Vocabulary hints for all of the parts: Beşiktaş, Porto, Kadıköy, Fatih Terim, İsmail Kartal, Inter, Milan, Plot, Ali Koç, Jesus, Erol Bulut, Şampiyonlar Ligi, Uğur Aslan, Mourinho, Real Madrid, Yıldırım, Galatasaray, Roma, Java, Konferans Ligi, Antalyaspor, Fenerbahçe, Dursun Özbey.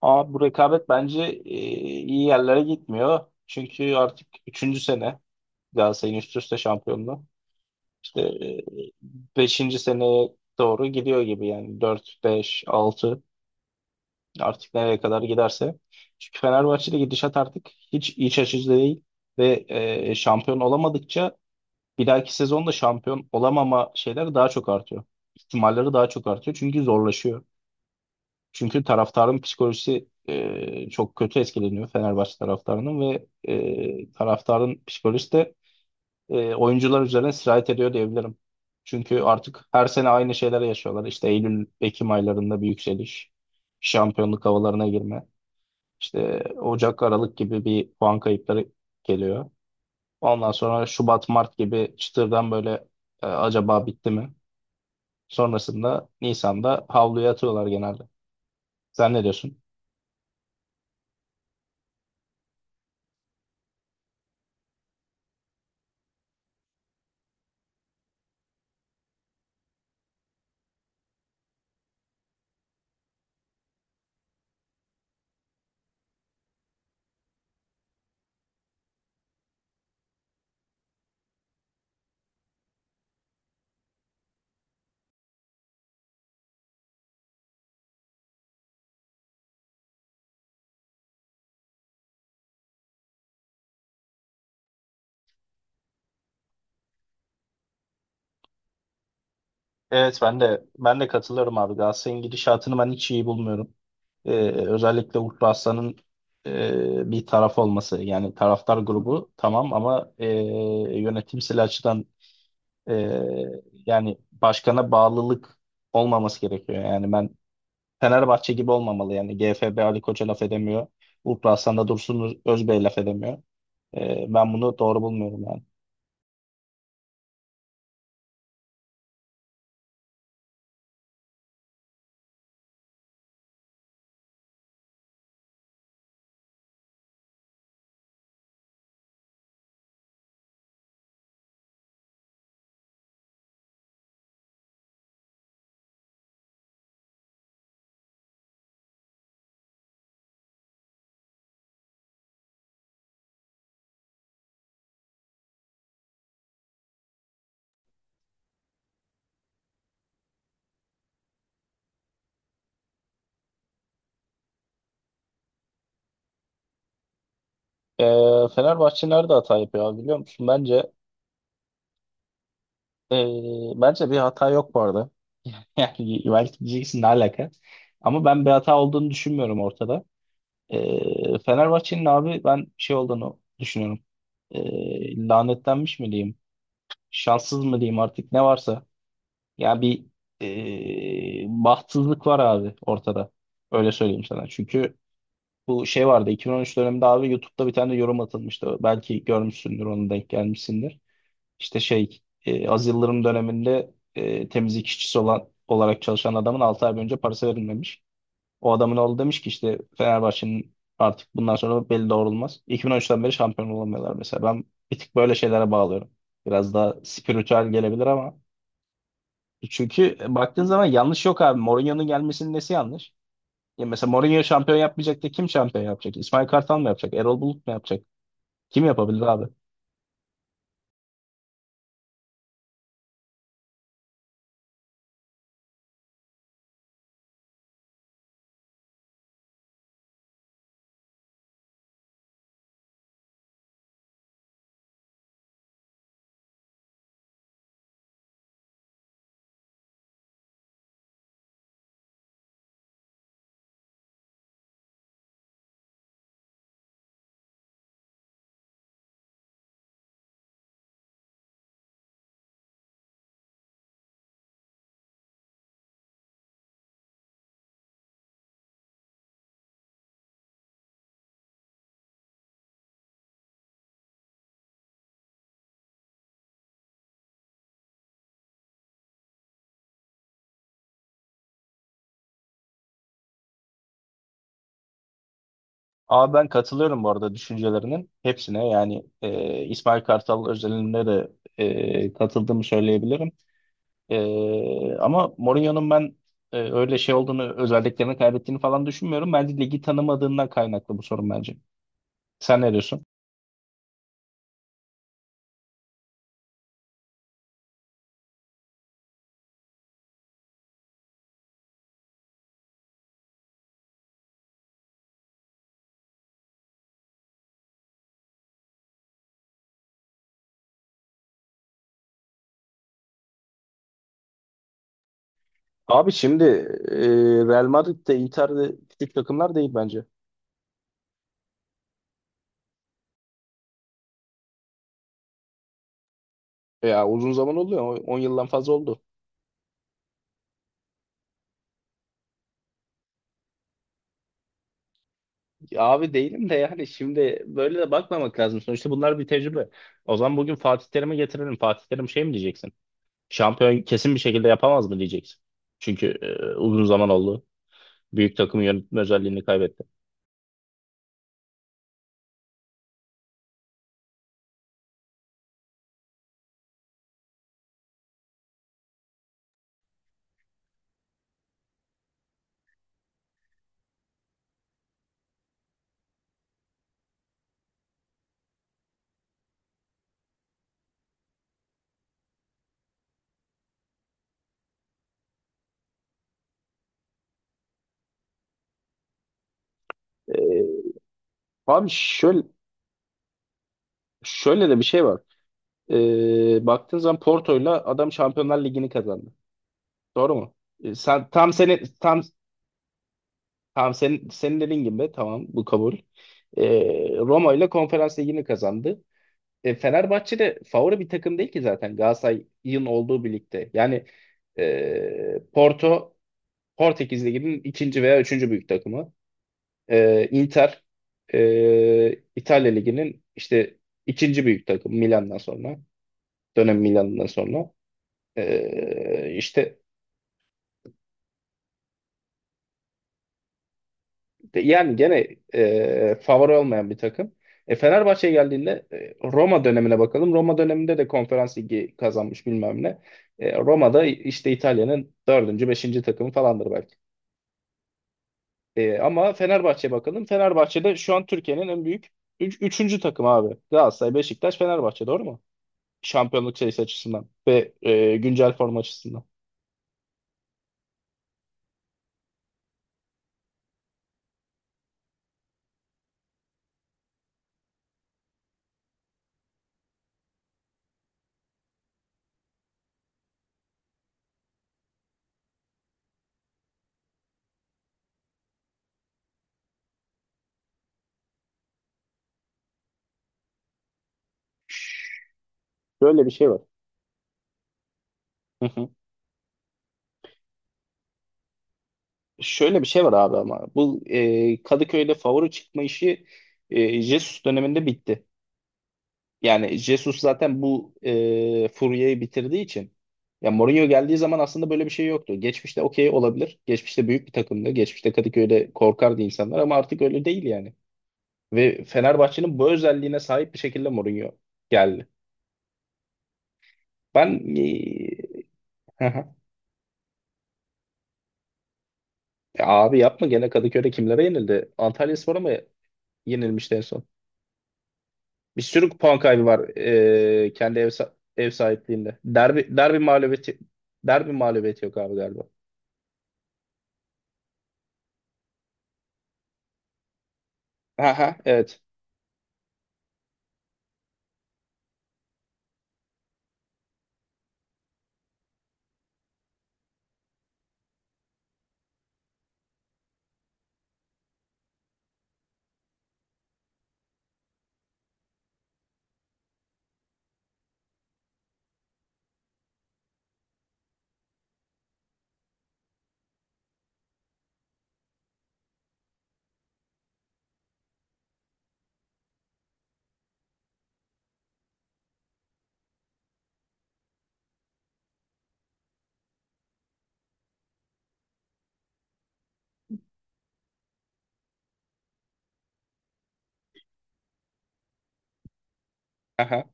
Ama bu rekabet bence iyi yerlere gitmiyor. Çünkü artık üçüncü sene Galatasaray'ın üst üste şampiyonluğu. İşte beşinci seneye doğru gidiyor gibi yani. Dört, beş, altı artık nereye kadar giderse. Çünkü Fenerbahçe'de gidişat artık hiç iç açıcı değil. Ve şampiyon olamadıkça bir dahaki sezonda şampiyon olamama şeyleri daha çok artıyor. İhtimalleri daha çok artıyor çünkü zorlaşıyor. Çünkü taraftarın psikolojisi çok kötü etkileniyor Fenerbahçe taraftarının ve taraftarın psikolojisi de oyuncular üzerine sirayet ediyor diyebilirim. Çünkü artık her sene aynı şeyleri yaşıyorlar. İşte Eylül, Ekim aylarında bir yükseliş, şampiyonluk havalarına girme, işte Ocak, Aralık gibi bir puan kayıpları geliyor. Ondan sonra Şubat, Mart gibi çıtırdan böyle acaba bitti mi? Sonrasında Nisan'da havluya atıyorlar genelde. Sen ne diyorsun? Evet ben de katılıyorum abi. Galatasaray'ın gidişatını ben hiç iyi bulmuyorum. Ee, Özellikle Uğur Aslan'ın bir taraf olması yani taraftar grubu tamam ama yönetimsel açıdan e, yani başkana bağlılık olmaması gerekiyor. Yani ben Fenerbahçe gibi olmamalı yani GFB Ali Koç'a laf edemiyor. Uğur Aslan da Dursun Özbey laf edemiyor. Ben bunu doğru bulmuyorum yani. Fenerbahçe nerede hata yapıyor abi biliyor musun? Bence bir hata yok bu arada. Yani belki diyeceksin ne alaka. Ama ben bir hata olduğunu düşünmüyorum ortada. Fenerbahçe'nin abi ben şey olduğunu düşünüyorum. Lanetlenmiş mi diyeyim? Şanssız mı diyeyim artık ne varsa. Ya bir bahtsızlık var abi ortada. Öyle söyleyeyim sana. Çünkü bu şey vardı 2013 döneminde abi YouTube'da bir tane de yorum atılmıştı. Belki görmüşsündür onu denk gelmişsindir. İşte şey, az Yıldırım döneminde temizlik işçisi olarak çalışan adamın 6 ay boyunca parası verilmemiş. O adamın oğlu demiş ki işte Fenerbahçe'nin artık bundan sonra beli doğrulmaz. 2013'ten beri şampiyon olamıyorlar mesela. Ben bir tık böyle şeylere bağlıyorum. Biraz daha spiritüel gelebilir ama. Çünkü baktığın zaman yanlış yok abi. Mourinho'nun gelmesinin nesi yanlış? Ya mesela Mourinho şampiyon yapmayacak da kim şampiyon yapacak? İsmail Kartal mı yapacak? Erol Bulut mu yapacak? Kim yapabilir abi? Abi ben katılıyorum bu arada düşüncelerinin hepsine. Yani İsmail Kartal özelinde de katıldığımı söyleyebilirim. E, ama Mourinho'nun ben öyle şey olduğunu, özelliklerini kaybettiğini falan düşünmüyorum. Bence ligi tanımadığından kaynaklı bu sorun bence. Sen ne diyorsun? Abi şimdi Real Madrid Inter'de küçük takımlar değil bence. Ya uzun zaman oluyor. 10 yıldan fazla oldu. Ya abi değilim de yani şimdi böyle de bakmamak lazım. Sonuçta bunlar bir tecrübe. O zaman bugün Fatih Terim'i getirelim. Fatih Terim şey mi diyeceksin? Şampiyon kesin bir şekilde yapamaz mı diyeceksin? Çünkü uzun zaman oldu. Büyük takım yönetme özelliğini kaybetti. E, abi şöyle de bir şey var. Baktığın zaman Porto'yla adam Şampiyonlar Ligi'ni kazandı. Doğru mu? E, sen tam senin tam tam senin senin dediğin gibi tamam bu kabul. E, Roma ile Konferans Ligi'ni kazandı. Fenerbahçe de favori bir takım değil ki zaten Galatasaray'ın olduğu birlikte. Yani Porto Portekiz Ligi'nin ikinci veya üçüncü büyük takımı. Inter İtalya Ligi'nin işte ikinci büyük takımı Milan'dan sonra. Dönem Milan'dan sonra. E, işte Yani gene favori olmayan bir takım. Fenerbahçe'ye geldiğinde Roma dönemine bakalım. Roma döneminde de konferans ligi kazanmış bilmem ne. Roma'da işte İtalya'nın dördüncü, beşinci takımı falandır belki. Ama Fenerbahçe'ye bakalım. Fenerbahçe'de şu an Türkiye'nin en büyük üçüncü takımı abi. Galatasaray, Beşiktaş, Fenerbahçe doğru mu? Şampiyonluk sayısı açısından ve güncel form açısından. Böyle bir şey var. Şöyle bir şey var abi ama bu Kadıköy'de favori çıkma işi Jesus döneminde bitti. Yani Jesus zaten bu furyayı bitirdiği için ya Mourinho geldiği zaman aslında böyle bir şey yoktu. Geçmişte okey olabilir. Geçmişte büyük bir takımdı. Geçmişte Kadıköy'de korkardı insanlar ama artık öyle değil yani. Ve Fenerbahçe'nin bu özelliğine sahip bir şekilde Mourinho geldi. Ben e, abi yapma gene Kadıköy'de kimlere yenildi? Antalyaspor'a mı yenilmişti en son? Bir sürü puan kaybı var kendi ev sahipliğinde. Derbi mağlubiyeti yok abi galiba. Aha evet. Aha.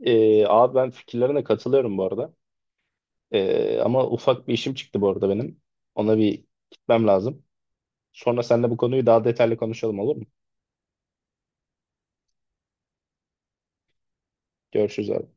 Abi ben fikirlerine katılıyorum bu arada. Ama ufak bir işim çıktı bu arada benim. Ona bir gitmem lazım. Sonra seninle bu konuyu daha detaylı konuşalım olur mu? Görüşürüz abi.